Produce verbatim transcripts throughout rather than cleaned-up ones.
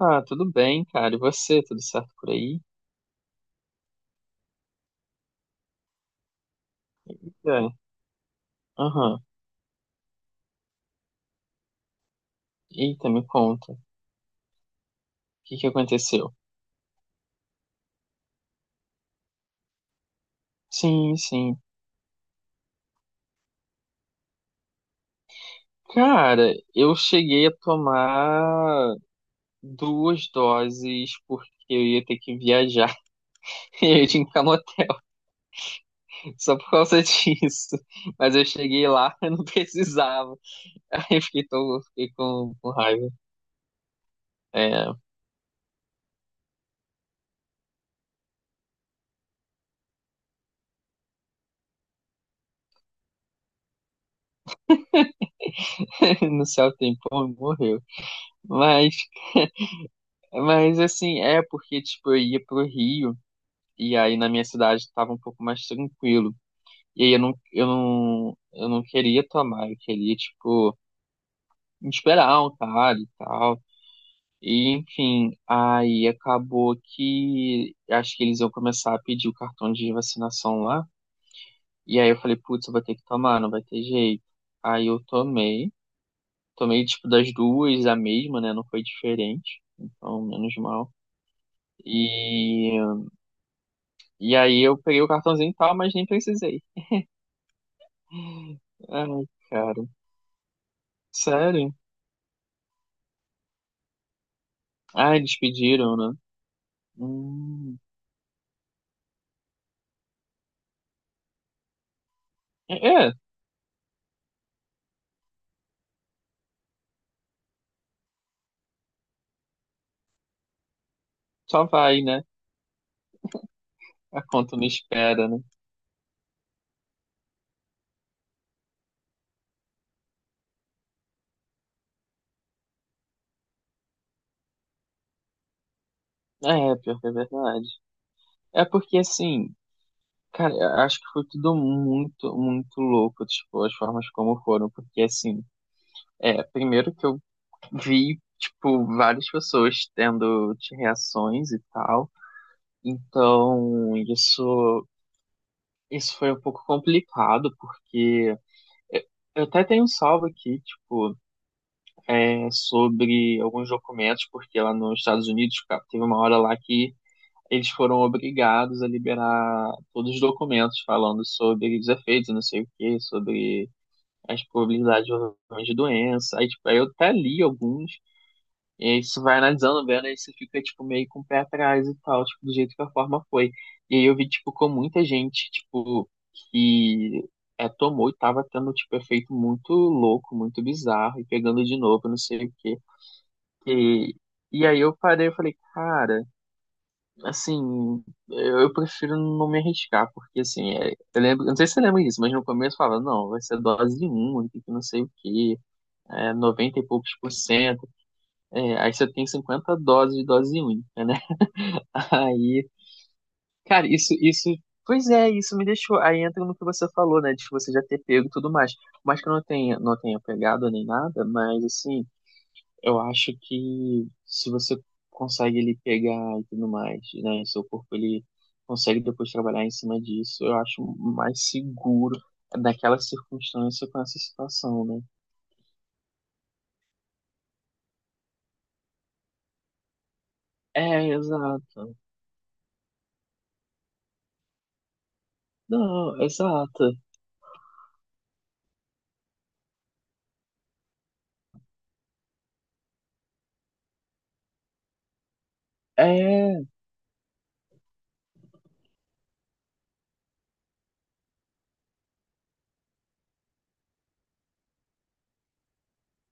Ah, tudo bem, cara. E você, tudo certo por aí? É. Aham. Eita, me conta. O que que aconteceu? Sim, sim. Cara, eu cheguei a tomar duas doses porque eu ia ter que viajar. E eu tinha que ficar no hotel só por causa disso. Mas eu cheguei lá, eu não precisava. Aí eu fiquei, tão, fiquei com, com raiva. É, no céu tem pão, morreu. Mas, mas assim, é porque, tipo, eu ia pro Rio. E aí na minha cidade estava um pouco mais tranquilo. E aí eu não, eu não, eu não queria tomar, eu queria, tipo, esperar um cara e tal. E enfim, aí acabou que acho que eles iam começar a pedir o cartão de vacinação lá. E aí eu falei, putz, eu vou ter que tomar, não vai ter jeito. Aí eu tomei, tomei tipo das duas a mesma, né? Não foi diferente, então menos mal. E, e aí eu peguei o cartãozinho e tal, mas nem precisei. Ai, cara. Sério? Ah, eles pediram, né? Hum. É, é, só vai, né? A conta não espera, né? É, pior que é verdade. É porque, assim, cara, eu acho que foi tudo muito, muito louco, tipo, as formas como foram. Porque, assim, é, primeiro que eu vi, tipo, várias pessoas tendo reações e tal. Então, isso, isso foi um pouco complicado, porque eu eu até tenho um salvo aqui, tipo. É, sobre alguns documentos, porque lá nos Estados Unidos, cara, teve uma hora lá que eles foram obrigados a liberar todos os documentos falando sobre os efeitos, não sei o quê, sobre as probabilidades de de doença. Aí, tipo, aí eu até li alguns, e aí você vai analisando, vendo, aí você fica, tipo, meio com o pé atrás e tal, tipo, do jeito que a forma foi. E aí eu vi, tipo, com muita gente, tipo, que é, tomou e tava tendo, tipo, efeito muito louco, muito bizarro, e pegando de novo, não sei o quê. E, e aí eu parei e falei, cara, assim, eu, eu prefiro não me arriscar, porque assim, é, eu lembro, eu não sei se você lembra disso, mas no começo eu falava, não, vai ser dose única, que não sei o quê, é, noventa e poucos por cento, é, aí você tem cinquenta doses de dose única, né? Aí, cara, isso, isso, pois é, isso me deixou, aí entra no que você falou, né, de você já ter pego e tudo mais, mas que eu não tenha, não tenha pegado nem nada, mas assim, eu acho que se você consegue ele pegar e tudo mais, né? Seu corpo ele consegue depois trabalhar em cima disso, eu acho mais seguro naquela circunstância com essa situação, né? É, exato. Não, exato. É,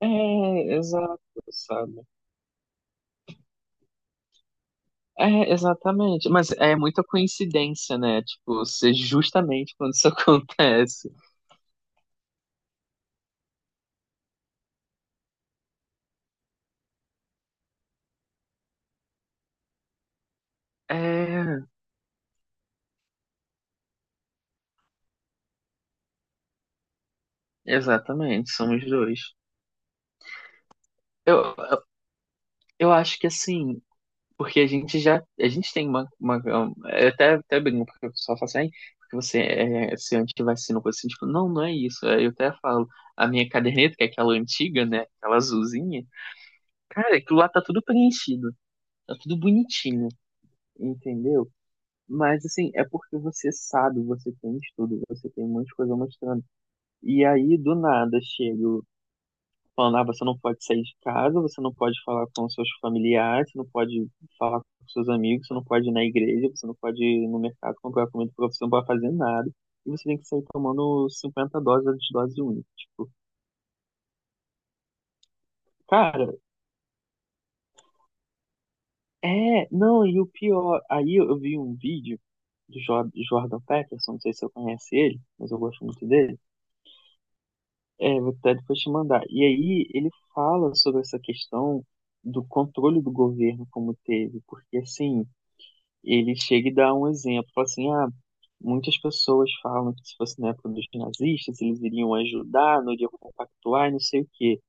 é, exato, sabe? É, exatamente. Mas é muita coincidência, né? Tipo, ser justamente quando isso acontece. É, exatamente, somos dois. Eu, eu eu acho que assim, porque a gente já, a gente tem uma, uma eu até, até brinco, porque o pessoal fala assim, "Ai, porque você é se antivacina, coisa assim, tipo, não, não é isso. Aí eu até falo, a minha caderneta, que é aquela antiga, né, aquela azulzinha, cara, aquilo lá tá tudo preenchido, tá tudo bonitinho, entendeu? Mas, assim, é porque você sabe, você tem estudo, você tem um monte de coisa mostrando. E aí, do nada, chega falando, ah, você não pode sair de casa, você não pode falar com seus familiares, você não pode falar com seus amigos, você não pode ir na igreja, você não pode ir no mercado comprar comida porque você não pode fazer nada. E você tem que sair tomando cinquenta doses antes de dose única. Tipo, cara, é, não, e o pior, aí eu vi um vídeo do Jo- Jordan Peterson, não sei se eu conhece ele, mas eu gosto muito dele. É, vou até depois te mandar. E aí ele fala sobre essa questão do controle do governo como teve, porque assim, ele chega e dá um exemplo, fala assim, ah, muitas pessoas falam que se fosse na época dos nazistas, eles iriam ajudar, não iriam compactuar, e não sei o quê.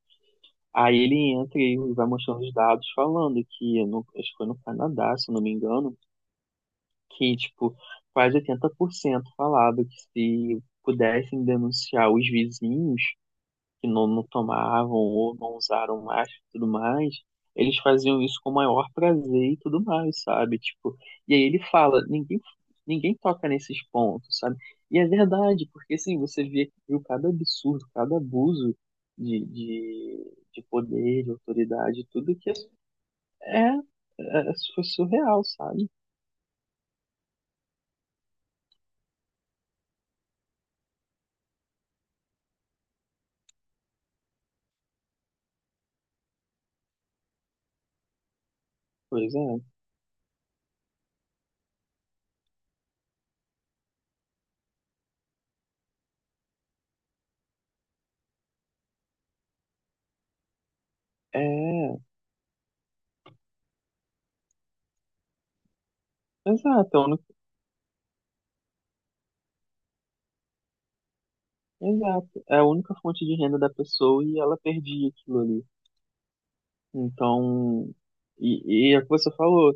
Aí ele entra e vai mostrando os dados falando que, no, acho que foi no Canadá, se eu não me engano, que, tipo, quase oitenta por cento falava que se pudessem denunciar os vizinhos, que não, não tomavam ou não usaram mais e tudo mais, eles faziam isso com o maior prazer e tudo mais, sabe? Tipo, e aí ele fala, ninguém, ninguém toca nesses pontos, sabe? E é verdade, porque assim, você via, viu cada absurdo, cada abuso de, de, de poder, de autoridade, tudo que é, é, é, foi surreal, sabe? Pois é. É, exato, é a única, exato. É a única fonte de renda da pessoa e ela perdia aquilo ali. Então, e, e é o que você falou,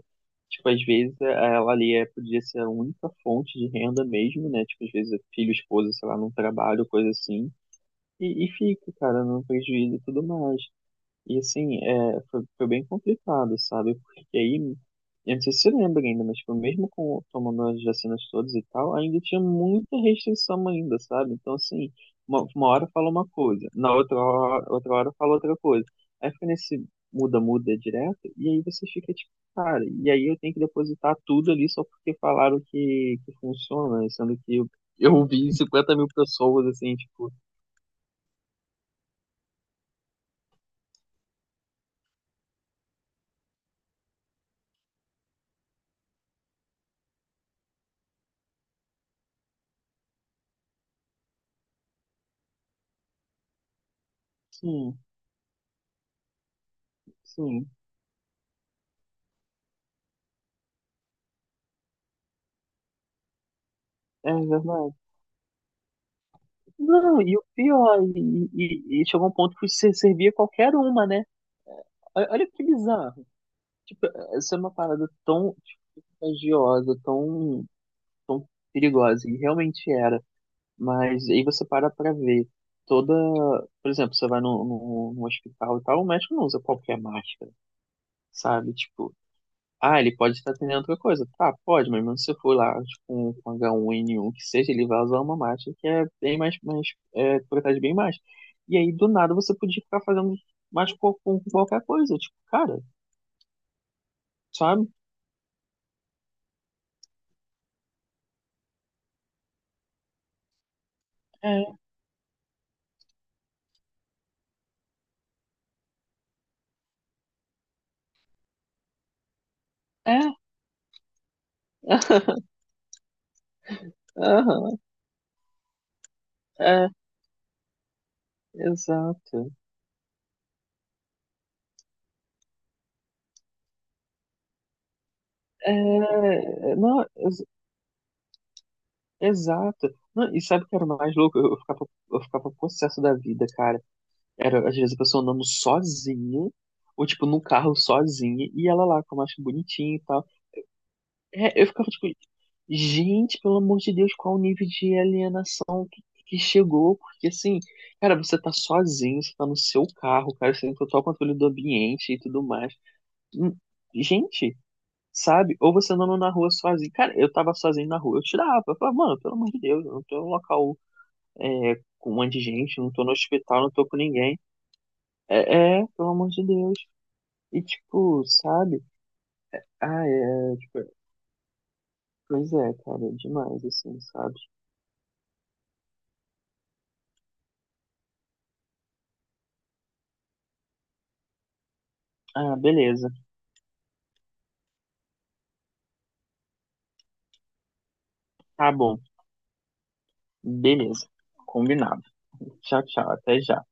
tipo, às vezes eh, ela ali é, podia ser a única fonte de renda mesmo, né? Tipo, às vezes é filho, esposa, sei lá, não trabalho, coisa assim. E, e fica, cara, no prejuízo e tudo mais. E assim, é, foi, foi bem complicado, sabe? Porque aí, eu não sei se você lembra ainda, mas tipo, mesmo com tomando as vacinas todas e tal, ainda tinha muita restrição ainda, sabe? Então, assim, uma, uma hora fala uma coisa, na outra hora, outra hora fala outra coisa. Aí fica nesse muda-muda direto, e aí você fica tipo, cara, e aí eu tenho que depositar tudo ali só porque falaram que, que funciona, sendo que eu, eu vi cinquenta mil pessoas, assim, tipo, sim, sim, é verdade. Não, e o pior, e, e- e chegou um ponto que você servia qualquer uma, né? Olha, olha que bizarro. Tipo, essa é uma parada tão tipo, contagiosa, tão, tão perigosa, e realmente era. Mas aí você para pra ver toda. Por exemplo, você vai no, no, no hospital e tal, o médico não usa qualquer máscara, sabe? Tipo, ah, ele pode estar treinando outra coisa. Tá, pode, mas mesmo se eu for lá tipo, com, com H um N um, que seja, ele vai usar uma máscara que é bem mais, mais é, protege bem mais. E aí, do nada, você podia ficar fazendo mais com, com qualquer coisa. Tipo, cara, sabe? É, é. Aham, é, exato. É, não, ex- exato. Não, e sabe o que era mais louco? Eu ficava, eu ficava possesso da vida, cara. Era, às vezes, a pessoa andando sozinha, ou, tipo, num carro sozinha, e ela lá, com a máscara bonitinha e tal. É, eu ficava, tipo, gente, pelo amor de Deus, qual o nível de alienação que, que chegou? Porque, assim, cara, você tá sozinho, você tá no seu carro, cara, você tem total controle do ambiente e tudo mais. Hum, Gente, sabe? Ou você andando na rua sozinho. Cara, eu tava sozinho na rua, eu tirava. Eu falava, mano, pelo amor de Deus, eu não tô em um local, é, com um monte de gente, não tô no hospital, não tô com ninguém. É, é, pelo amor de Deus. E tipo, sabe? Ah, é, tipo, pois é, cara, é demais, assim, sabe? Ah, beleza. Tá bom. Beleza. Combinado. Tchau, tchau. Até já.